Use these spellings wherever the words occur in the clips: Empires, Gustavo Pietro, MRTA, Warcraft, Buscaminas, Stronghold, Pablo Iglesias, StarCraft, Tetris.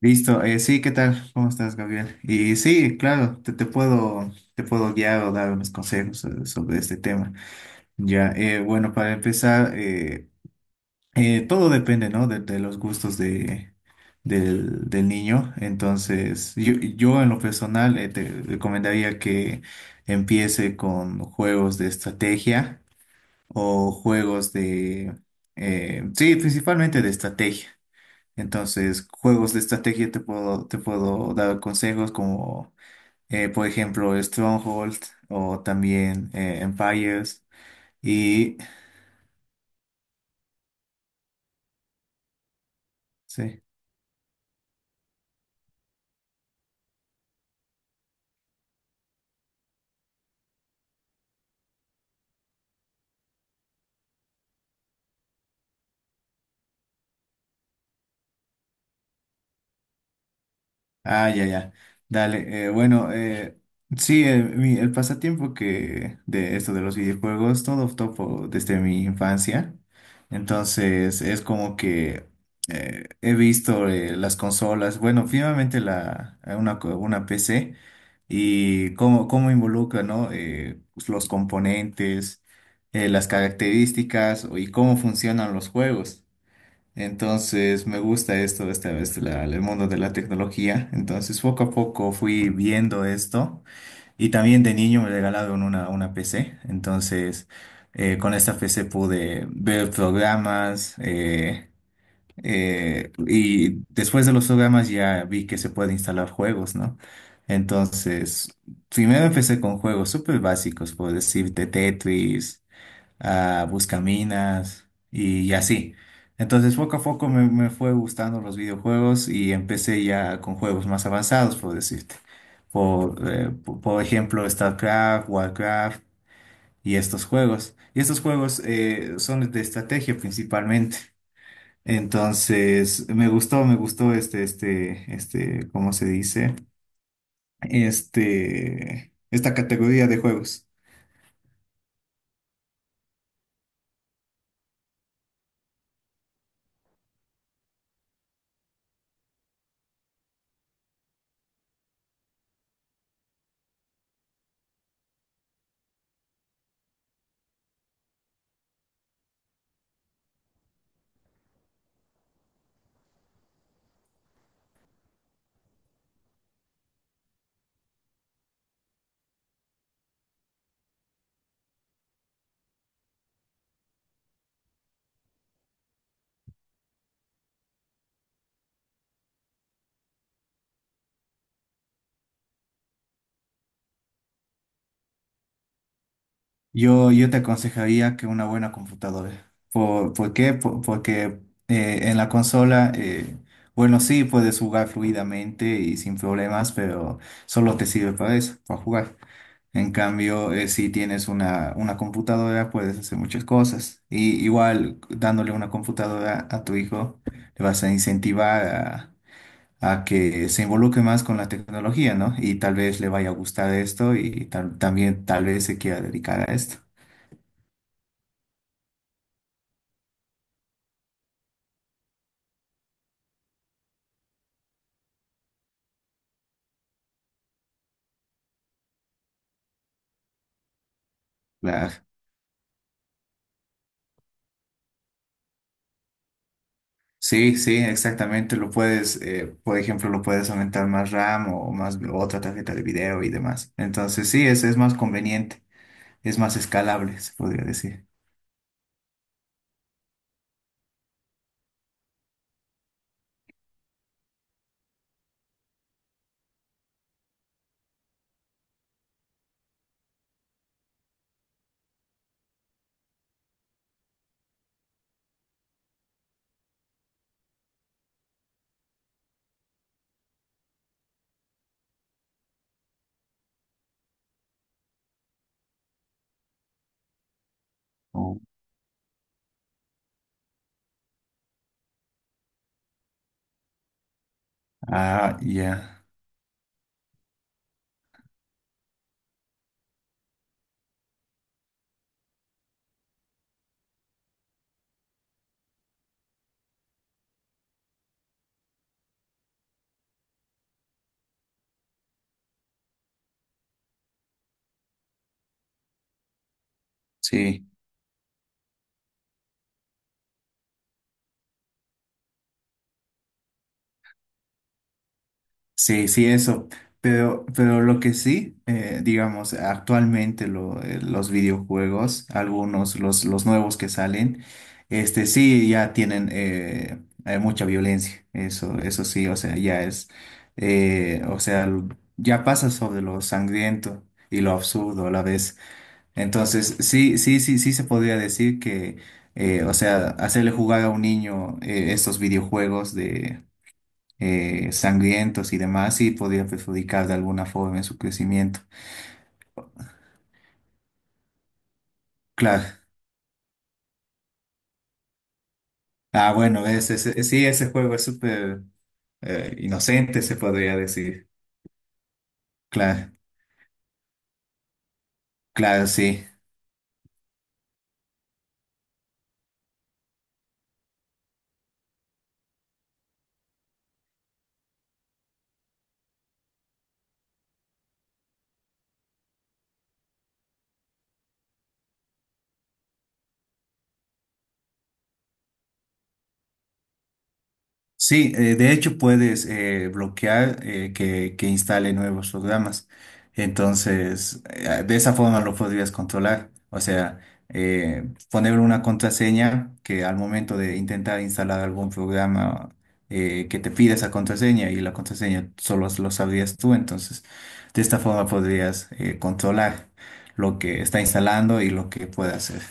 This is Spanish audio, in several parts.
Listo, sí, ¿qué tal? ¿Cómo estás, Gabriel? Y sí, claro, te puedo guiar o dar unos consejos sobre este tema. Ya, bueno, para empezar, todo depende, ¿no? De los gustos de, del niño. Entonces, yo en lo personal te recomendaría que empiece con juegos de estrategia o juegos de, sí, principalmente de estrategia. Entonces, juegos de estrategia te puedo dar consejos como, por ejemplo, Stronghold o también Empires. Y sí. Ah, ya, ya. Dale. Bueno, sí, el pasatiempo que de esto de los videojuegos, todo topo desde mi infancia. Entonces, es como que he visto las consolas, bueno, finalmente la, una, una PC y cómo, cómo involucra, ¿no? Pues, los componentes, las características y cómo funcionan los juegos. Entonces me gusta esto de esta vez, el mundo de la tecnología. Entonces poco a poco fui viendo esto y también de niño me regalaron una PC. Entonces con esta PC pude ver programas y después de los programas ya vi que se puede instalar juegos, ¿no? Entonces primero empecé con juegos súper básicos, por decirte Tetris a Buscaminas y, así. Entonces poco a poco me fue gustando los videojuegos y empecé ya con juegos más avanzados, por decirte. Por ejemplo, StarCraft, Warcraft y estos juegos. Y estos juegos son de estrategia principalmente. Entonces, me gustó este, ¿cómo se dice? Este, esta categoría de juegos. Yo te aconsejaría que una buena computadora. Por qué? Porque en la consola, bueno, sí puedes jugar fluidamente y sin problemas, pero solo te sirve para eso, para jugar. En cambio, si tienes una computadora, puedes hacer muchas cosas. Y igual, dándole una computadora a tu hijo, le vas a incentivar a que se involucre más con la tecnología, ¿no? Y tal vez le vaya a gustar esto y también tal vez se quiera dedicar a esto. Claro. Sí, sí, exactamente. Lo puedes, por ejemplo, lo puedes aumentar más RAM o más otra tarjeta de video y demás. Entonces, sí, es más conveniente, es más escalable, se podría decir. Oh. Ah, ya. Sí. Sí, sí, eso. Pero lo que sí, digamos, actualmente los videojuegos, algunos, los nuevos que salen, este sí ya tienen mucha violencia. Eso sí, o sea, ya es, o sea, ya pasa sobre lo sangriento y lo absurdo a la vez. Entonces, sí, sí, sí, sí se podría decir que, o sea, hacerle jugar a un niño estos videojuegos sangrientos y demás y podría perjudicar de alguna forma en su crecimiento. Claro. Ah, bueno, sí, ese juego es súper inocente, se podría decir. Claro, claro, sí. Sí, de hecho puedes bloquear que instale nuevos programas. Entonces, de esa forma lo podrías controlar. O sea, ponerle una contraseña que al momento de intentar instalar algún programa que te pida esa contraseña y la contraseña solo lo sabrías tú. Entonces, de esta forma podrías controlar lo que está instalando y lo que puede hacer.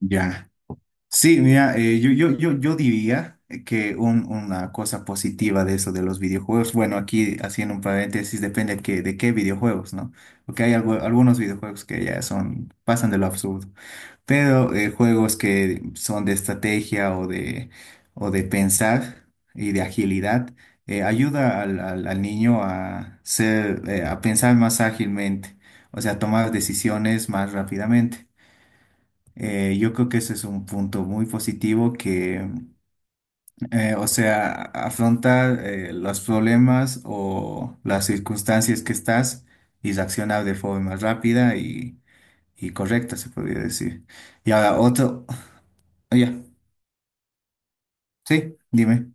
Ya. Sí, mira, yo diría que una cosa positiva de eso de los videojuegos, bueno, aquí haciendo un paréntesis, depende de qué videojuegos, ¿no? Porque hay algunos videojuegos que ya son, pasan de lo absurdo, pero juegos que son de estrategia o de pensar y de agilidad, ayuda al niño a ser, a pensar más ágilmente, o sea, tomar decisiones más rápidamente. Yo creo que ese es un punto muy positivo que, o sea, afrontar los problemas o las circunstancias que estás y reaccionar de forma rápida y correcta, se podría decir. Y ahora otro, oh, ya, sí, dime,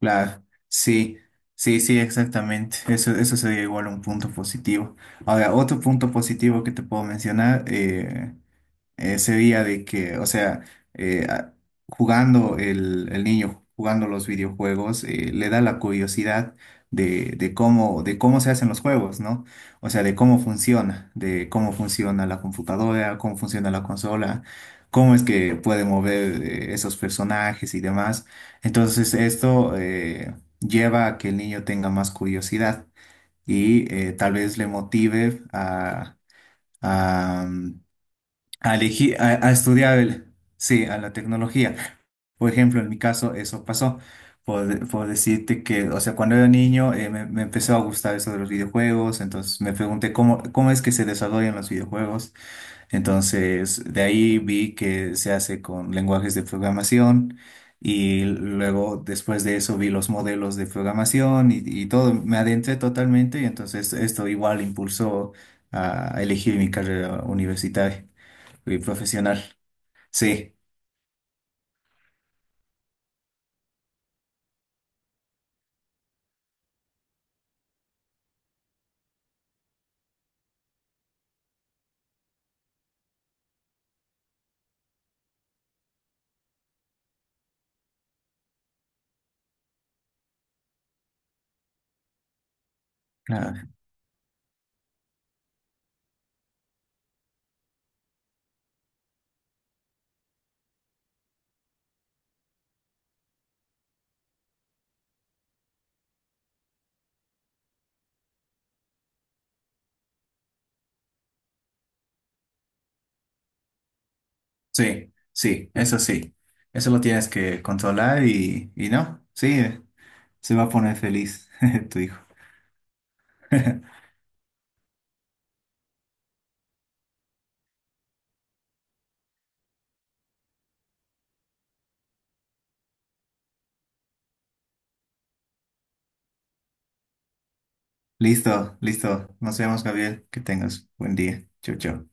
claro, sí, sí, sí, exactamente. Eso sería igual un punto positivo. Ahora, otro punto positivo que te puedo mencionar, ese día de que, o sea, eh, a- jugando el niño, jugando los videojuegos, le da la curiosidad de cómo se hacen los juegos, ¿no? O sea, de cómo funciona la computadora, cómo funciona la consola, cómo es que puede mover esos personajes y demás. Entonces, esto lleva a que el niño tenga más curiosidad y tal vez le motive a... a a estudiar sí, a la tecnología. Por ejemplo, en mi caso eso pasó. Por decirte que, o sea, cuando era niño me empezó a gustar eso de los videojuegos, entonces me pregunté cómo, cómo es que se desarrollan los videojuegos. Entonces, de ahí vi que se hace con lenguajes de programación y luego después de eso vi los modelos de programación y todo, me adentré totalmente y entonces esto igual impulsó a elegir mi carrera universitaria. Y profesional. Sí, ah, sí, sí. Eso lo tienes que controlar y no, sí, se va a poner feliz tu hijo. Listo, listo. Nos vemos, Gabriel. Que tengas buen día. Chau, chau.